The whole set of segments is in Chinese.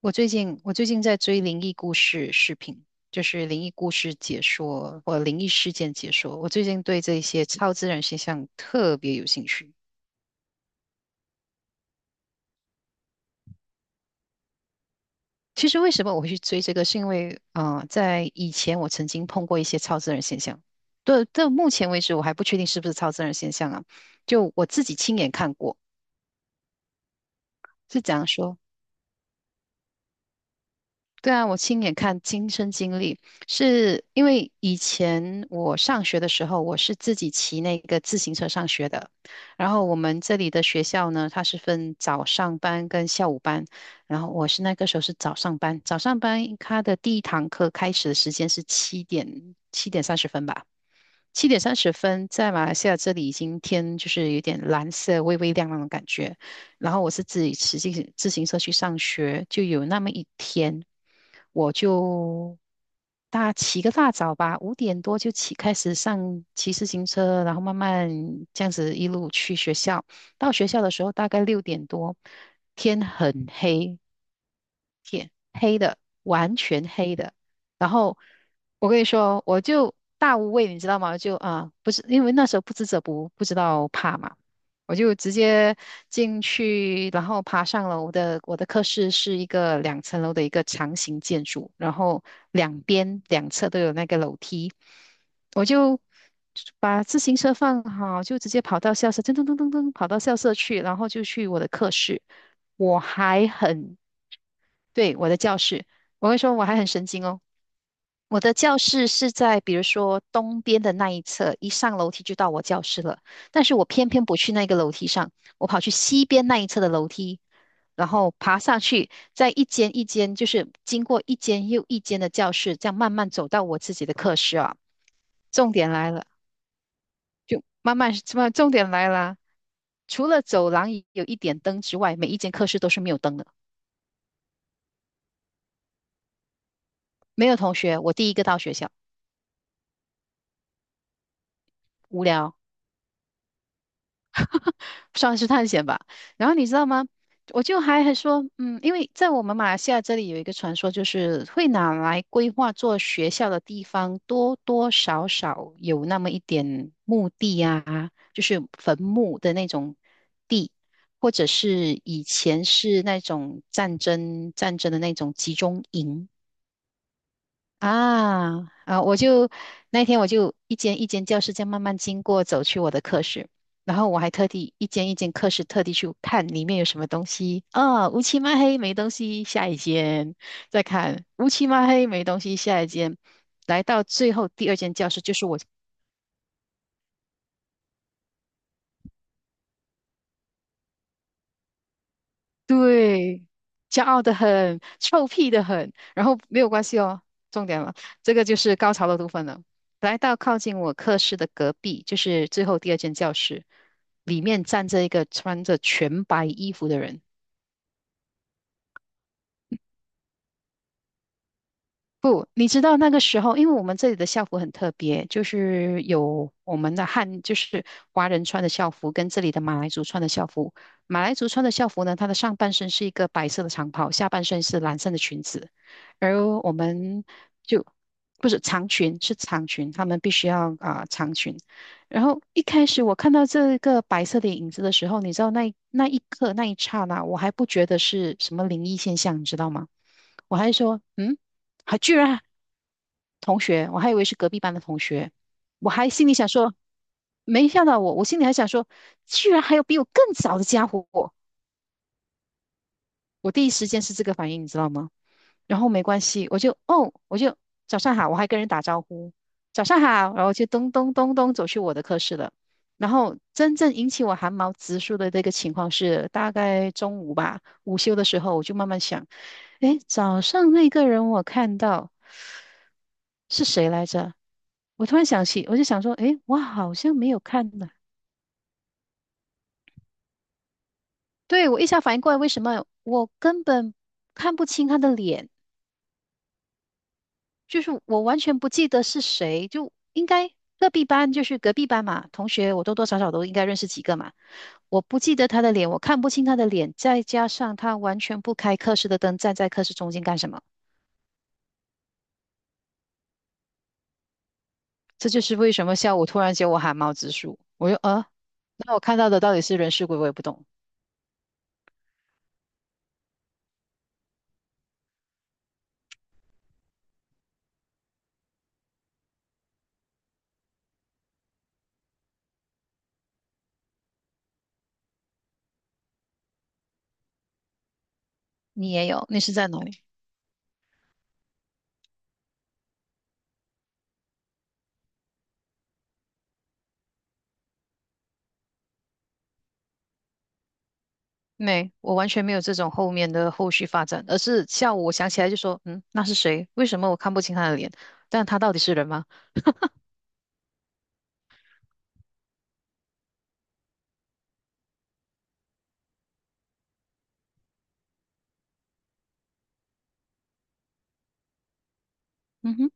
我最近在追灵异故事视频，就是灵异故事解说或灵异事件解说。我最近对这些超自然现象特别有兴趣。其实为什么我会去追这个，是因为在以前我曾经碰过一些超自然现象。对，到目前为止我还不确定是不是超自然现象啊，就我自己亲眼看过，是怎样说？对啊，我亲眼看，亲身经历，是因为以前我上学的时候，我是自己骑那个自行车上学的。然后我们这里的学校呢，它是分早上班跟下午班。然后我是那个时候是早上班，早上班它的第一堂课开始的时间是七点三十分吧。七点三十分，在马来西亚这里已经天就是有点蓝色，微微亮亮的感觉。然后我是自己骑自行车去上学，就有那么一天，我就大起个大早吧，五点多就开始骑自行车，然后慢慢这样子一路去学校。到学校的时候大概六点多，天很黑，黑的，完全黑的。然后我跟你说，我就大无畏，你知道吗？就不是因为那时候不知者不知道怕嘛，我就直接进去，然后爬上楼的。我的课室是一个两层楼的一个长形建筑，然后两侧都有那个楼梯，我就。把自行车放好，就直接跑到校舍，噔噔噔噔噔，跑到校舍去，然后就去我的课室。我还很对，我的教室，我会说我还很神经哦。我的教室是在比如说东边的那一侧，一上楼梯就到我教室了。但是我偏偏不去那个楼梯上，我跑去西边那一侧的楼梯，然后爬上去，在一间一间，就是经过一间又一间的教室，这样慢慢走到我自己的课室啊。重点来了，慢慢什么？重点来了，除了走廊有一点灯之外，每一间课室都是没有灯的，没有同学，我第一个到学校，无聊。算是探险吧。然后你知道吗？我就还说，因为在我们马来西亚这里有一个传说，就是会拿来规划做学校的地方，多多少少有那么一点墓地啊，就是坟墓的那种地，或者是以前是那种战争的那种集中营。啊啊！那天我就一间一间教室这样慢慢经过，走去我的课室，然后我还特地一间一间课室特地去看里面有什么东西。啊，乌漆嘛黑没东西，下一间再看乌漆嘛黑没东西，下一间。来到最后第二间教室，就是我对，骄傲的很，臭屁的很，然后没有关系哦。重点了，这个就是高潮的部分了。来到靠近我课室的隔壁，就是最后第二间教室，里面站着一个穿着全白衣服的人。不，你知道那个时候，因为我们这里的校服很特别，就是有我们的汉，就是华人穿的校服，跟这里的马来族穿的校服。马来族穿的校服呢，它的上半身是一个白色的长袍，下半身是蓝色的裙子，而我们就不是长裙，是长裙，他们必须要长裙。然后一开始我看到这个白色的影子的时候，你知道那一刻那一刹那，我还不觉得是什么灵异现象，你知道吗？我还说，还居然同学，我还以为是隔壁班的同学，我还心里想说，没吓到我，我心里还想说，居然还有比我更早的家伙，我第一时间是这个反应，你知道吗？然后没关系，我就早上好，我还跟人打招呼，早上好，然后就咚咚咚咚走去我的课室了。然后真正引起我汗毛直竖的这个情况是，大概中午吧，午休的时候，我就慢慢想，诶，早上那个人我看到。是谁来着？我突然想起，我就想说，诶，我好像没有看呢。对，我一下反应过来，为什么我根本看不清他的脸？就是我完全不记得是谁，就应该隔壁班，就是隔壁班嘛，同学我多多少少都应该认识几个嘛。我不记得他的脸，我看不清他的脸，再加上他完全不开课室的灯，站在课室中间干什么？这就是为什么下午突然间我汗毛直竖。那我看到的到底是人是鬼，我也不懂。你也有，你是在哪里？没，我完全没有这种后面的后续发展，而是下午我想起来就说，那是谁？为什么我看不清他的脸？但他到底是人吗？嗯哼，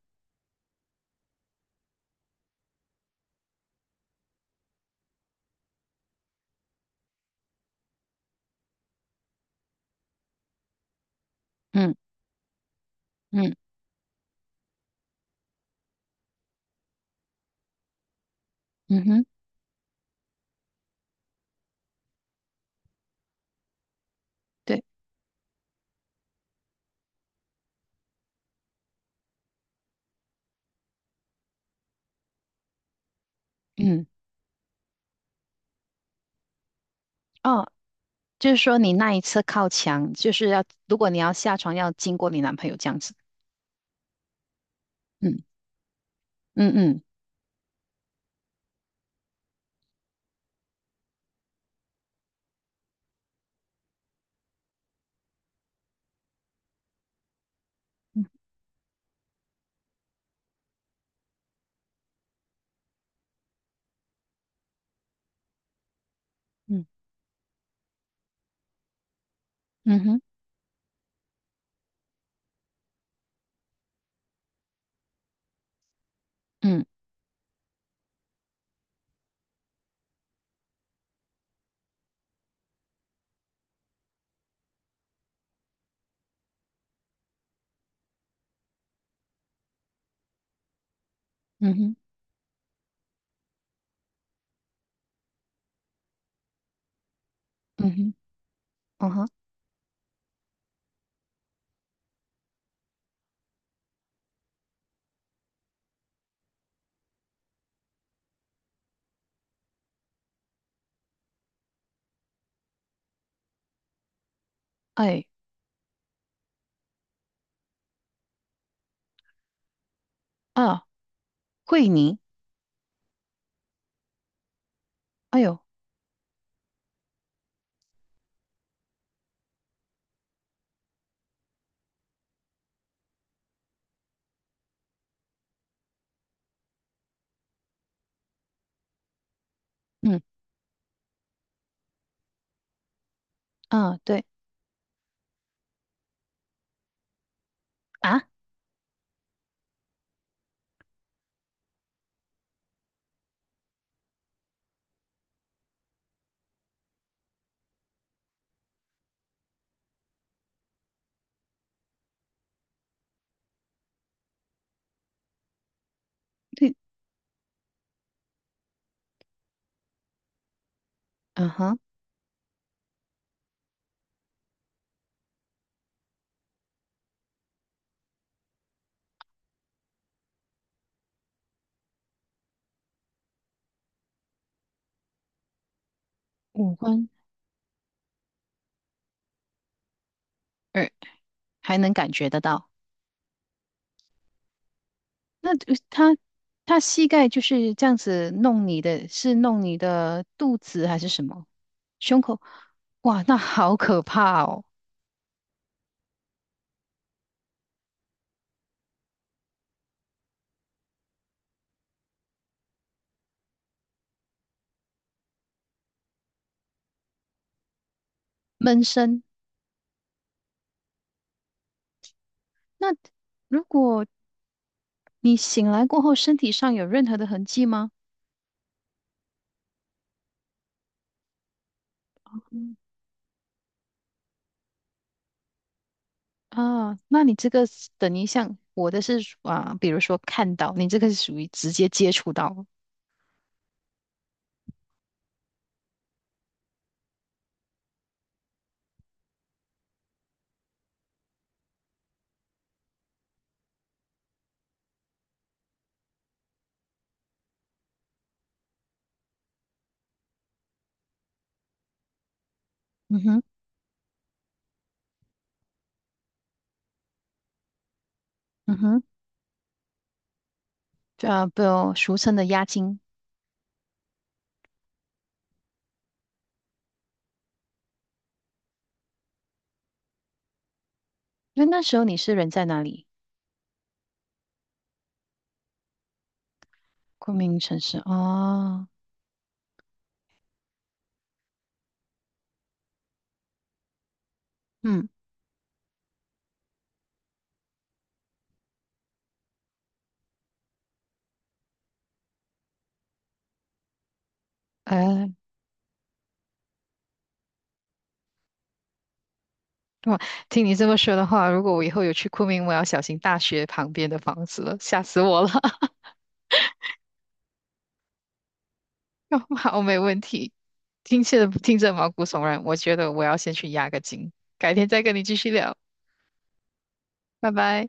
嗯嗯嗯哼，对，嗯，哦，就是说你那一次靠墙，就是要如果你要下床要经过你男朋友这样子，嗯嗯嗯嗯嗯哼嗯嗯哼嗯哼嗯哼，哎啊，惠妮，哎呦，嗯啊对啊对，嗯哼，五官，呃，还能感觉得到。那就他膝盖就是这样子弄你的，是弄你的肚子还是什么？胸口？哇，那好可怕哦！闷声。那如果你醒来过后身体上有任何的痕迹吗？啊，那你这个是等于像我的是属啊，比如说看到，你这个是属于直接接触到。嗯哼，嗯哼，不，俗称的押金。那时候你是人在哪里？昆明城市哦，嗯，哎。哇，听你这么说的话，如果我以后有去昆明，我要小心大学旁边的房子了，吓死我了。好，没问题。听起来听着毛骨悚然，我觉得我要先去压个惊，改天再跟你继续聊，拜拜。